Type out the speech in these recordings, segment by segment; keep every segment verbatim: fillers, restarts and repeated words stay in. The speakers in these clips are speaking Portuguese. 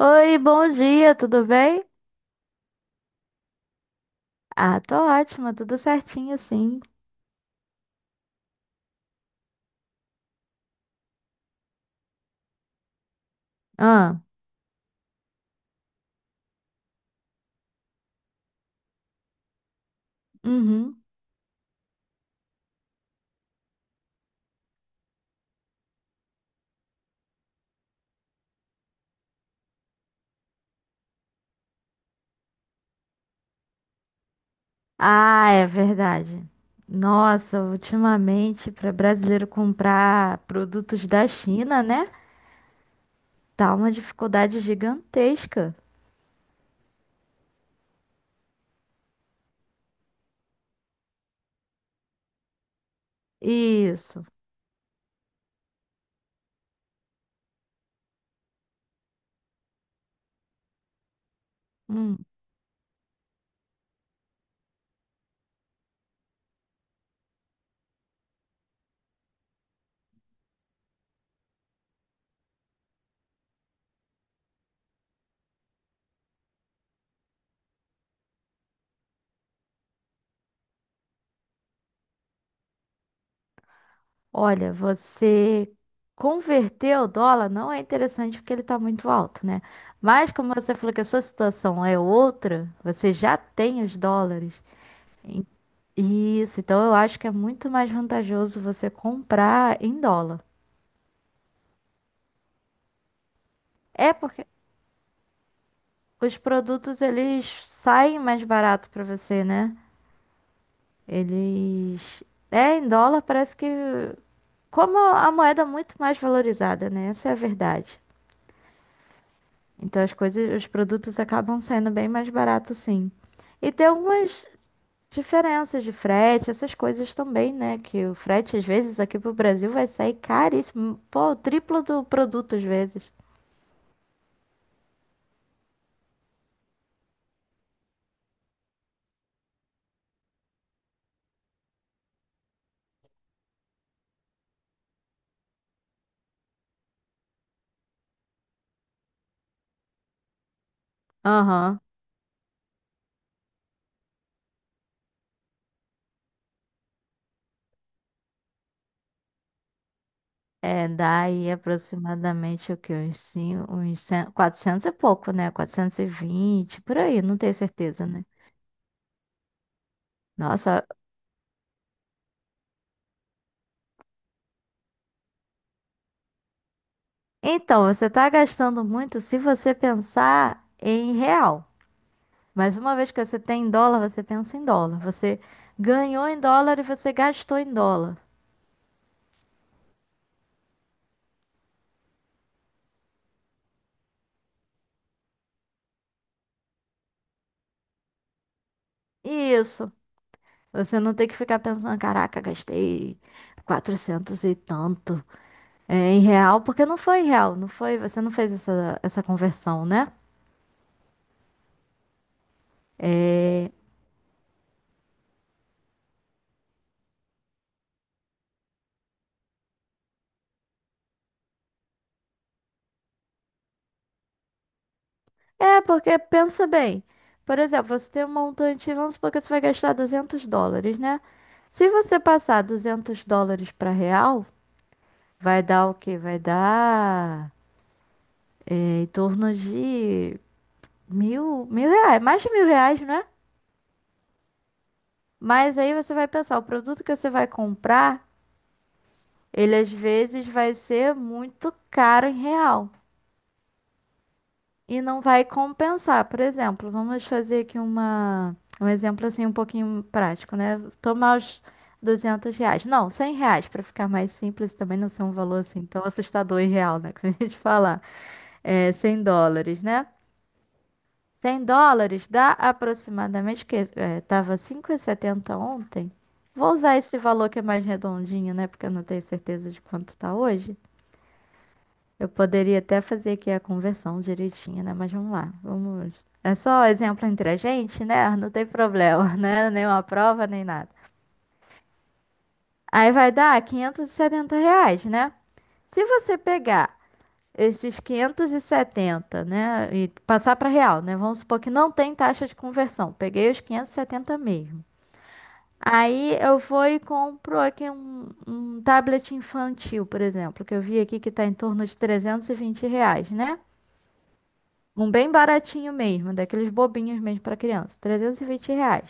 Oi, bom dia, tudo bem? Ah, tô ótima, tudo certinho, sim. Ah, uhum. Ah, é verdade. Nossa, ultimamente, para brasileiro comprar produtos da China, né? Tá uma dificuldade gigantesca. Isso. Hum. Olha, você converter o dólar não é interessante porque ele tá muito alto, né? Mas como você falou que a sua situação é outra, você já tem os dólares. Isso, então eu acho que é muito mais vantajoso você comprar em dólar. É porque os produtos eles saem mais barato para você, né? Eles é em dólar, parece que como a moeda é muito mais valorizada, né? Essa é a verdade. Então as coisas, os produtos acabam saindo bem mais barato, sim. E tem algumas diferenças de frete, essas coisas também, né? Que o frete às vezes aqui pro Brasil vai sair caríssimo, pô, o triplo do produto às vezes. Aham. É, dá aí aproximadamente o quê? Uns, cinco, uns cem- quatrocentos e pouco, né? Quatrocentos e vinte por aí, não tenho certeza, né? Nossa, então, você tá gastando muito se você pensar em real. Mas uma vez que você tem em dólar, você pensa em dólar. Você ganhou em dólar e você gastou em dólar. Isso. Você não tem que ficar pensando, caraca, gastei quatrocentos e tanto é, em real, porque não foi em real, não foi, você não fez essa, essa conversão, né? É, é porque pensa bem. Por exemplo, você tem um montante, vamos supor que você vai gastar duzentos dólares, né? Se você passar duzentos dólares para real, vai dar o quê? Vai dar é, em torno de mil, mil reais, mais de mil reais, né? Mas aí você vai pensar, o produto que você vai comprar, ele às vezes vai ser muito caro em real. E não vai compensar. Por exemplo, vamos fazer aqui uma, um exemplo assim um pouquinho prático, né? Tomar os duzentos reais. Não, cem reais, para ficar mais simples, também não ser um valor assim tão assustador e real, né? Que a gente fala, é cem dólares, né? Cem dólares dá aproximadamente, que é, tava cinco e setenta ontem. Vou usar esse valor que é mais redondinho, né? Porque eu não tenho certeza de quanto tá hoje. Eu poderia até fazer aqui a conversão direitinha, né? Mas vamos lá, vamos. É só exemplo entre a gente, né? Não tem problema, né? Nenhuma prova, nem nada. Aí vai dar quinhentos e setenta reais, né? Se você pegar esses quinhentos e setenta, né? E passar para real, né? Vamos supor que não tem taxa de conversão. Peguei os quinhentos e setenta mesmo. Aí eu vou e compro aqui um, um tablet infantil, por exemplo, que eu vi aqui que está em torno de trezentos e vinte reais, né? Um bem baratinho mesmo, daqueles bobinhos mesmo pra criança, trezentos e vinte reais.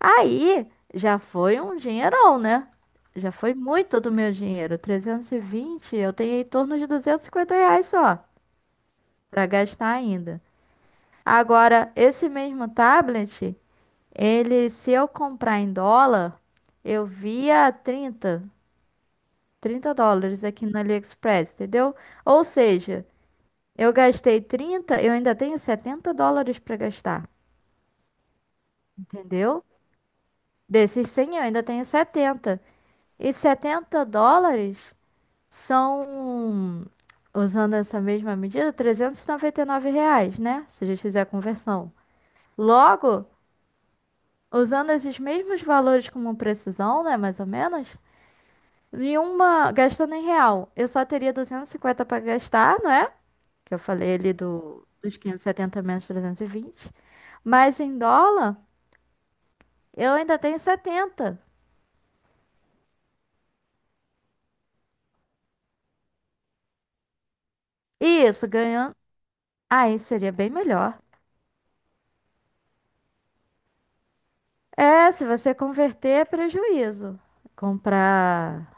Aí já foi um dinheirão, né? Já foi muito do meu dinheiro. Trezentos e vinte eu tenho em torno de duzentos e cinquenta reais só pra gastar ainda. Agora, esse mesmo tablet, ele, se eu comprar em dólar, eu via trinta trinta dólares aqui no AliExpress, entendeu? Ou seja, eu gastei trinta eu ainda tenho setenta dólares para gastar, entendeu? Desses cem eu ainda tenho setenta. E setenta dólares são, usando essa mesma medida, trezentos e e noventa e nove reais, né? Se a gente fizer a conversão. Logo, usando esses mesmos valores como precisão, né? Mais ou menos, em uma, gastando em real, eu só teria duzentos e cinquenta para gastar, não é? Que eu falei ali do, dos quinhentos e setenta menos trezentos e vinte. Mas em dólar, eu ainda tenho setenta. E isso ganhando. Aí seria bem melhor. É, se você converter é prejuízo. Comprar,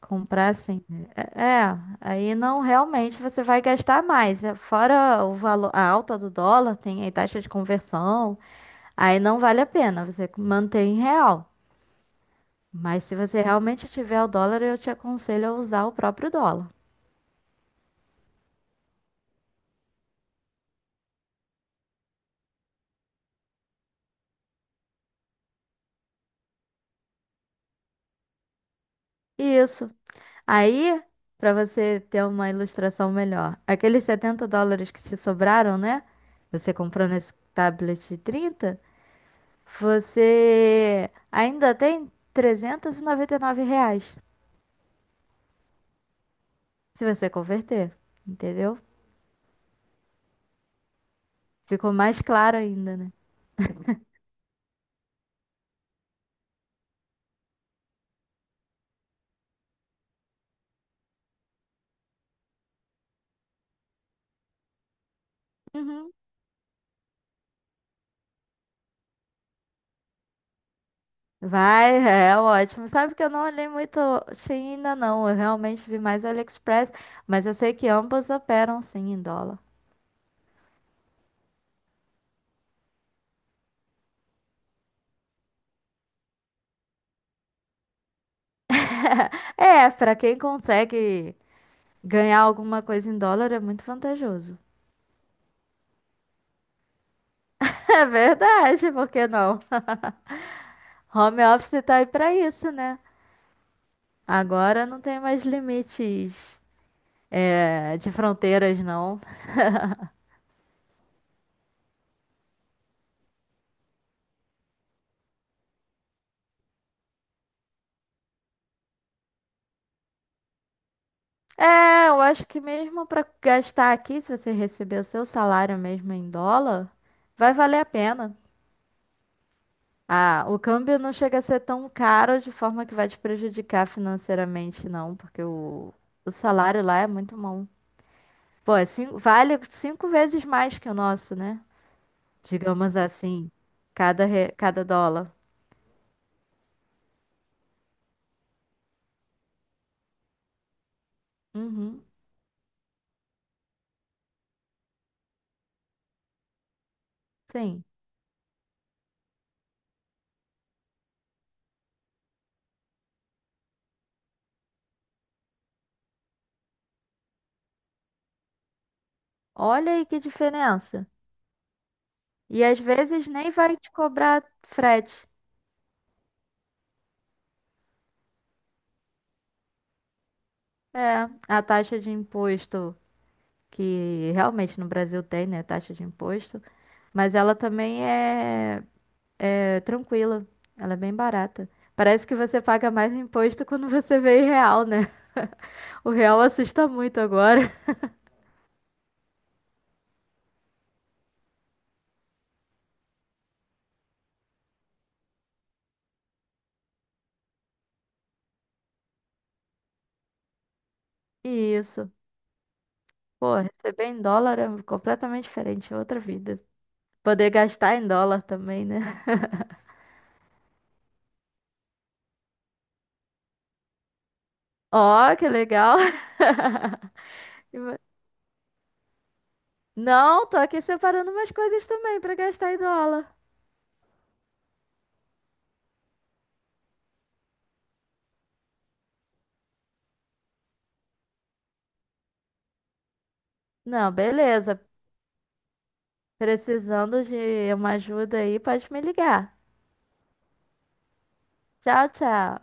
comprar assim. Né? É, é, aí não realmente você vai gastar mais. É, fora o valor, a alta do dólar, tem aí taxa de conversão. Aí não vale a pena, você mantém em real. Mas se você realmente tiver o dólar, eu te aconselho a usar o próprio dólar. Isso. Aí, para você ter uma ilustração melhor, aqueles setenta dólares que te sobraram, né? Você comprou nesse tablet de trinta. Você ainda tem trezentos e e noventa e nove reais se você converter, entendeu? Ficou mais claro ainda, né? Uhum. Vai, é é ótimo. Sabe que eu não olhei muito Shein ainda não. Eu realmente vi mais o AliExpress, mas eu sei que ambos operam sim em dólar. É, pra quem consegue ganhar alguma coisa em dólar é muito vantajoso. É verdade, por que não? Home office tá aí pra isso, né? Agora não tem mais limites é, de fronteiras, não. É, eu acho que mesmo para gastar aqui, se você receber o seu salário mesmo em dólar, vai valer a pena. Ah, o câmbio não chega a ser tão caro de forma que vai te prejudicar financeiramente, não, porque o, o salário lá é muito bom. Pô, é cinco- vale cinco vezes mais que o nosso, né? Digamos assim, cada, re- cada dólar. Uhum, sim. Olha aí que diferença. E às vezes nem vai te cobrar frete. É, a taxa de imposto que realmente no Brasil tem, né? Taxa de imposto, mas ela também é, é tranquila, ela é bem barata. Parece que você paga mais imposto quando você vê em real, né? O real assusta muito agora. E isso, pô, receber em dólar é completamente diferente, é outra vida. Poder gastar em dólar também, né? Ó, que legal! Não, tô aqui separando umas coisas também pra gastar em dólar. Não, beleza. Precisando de uma ajuda aí, pode me ligar. Tchau, tchau.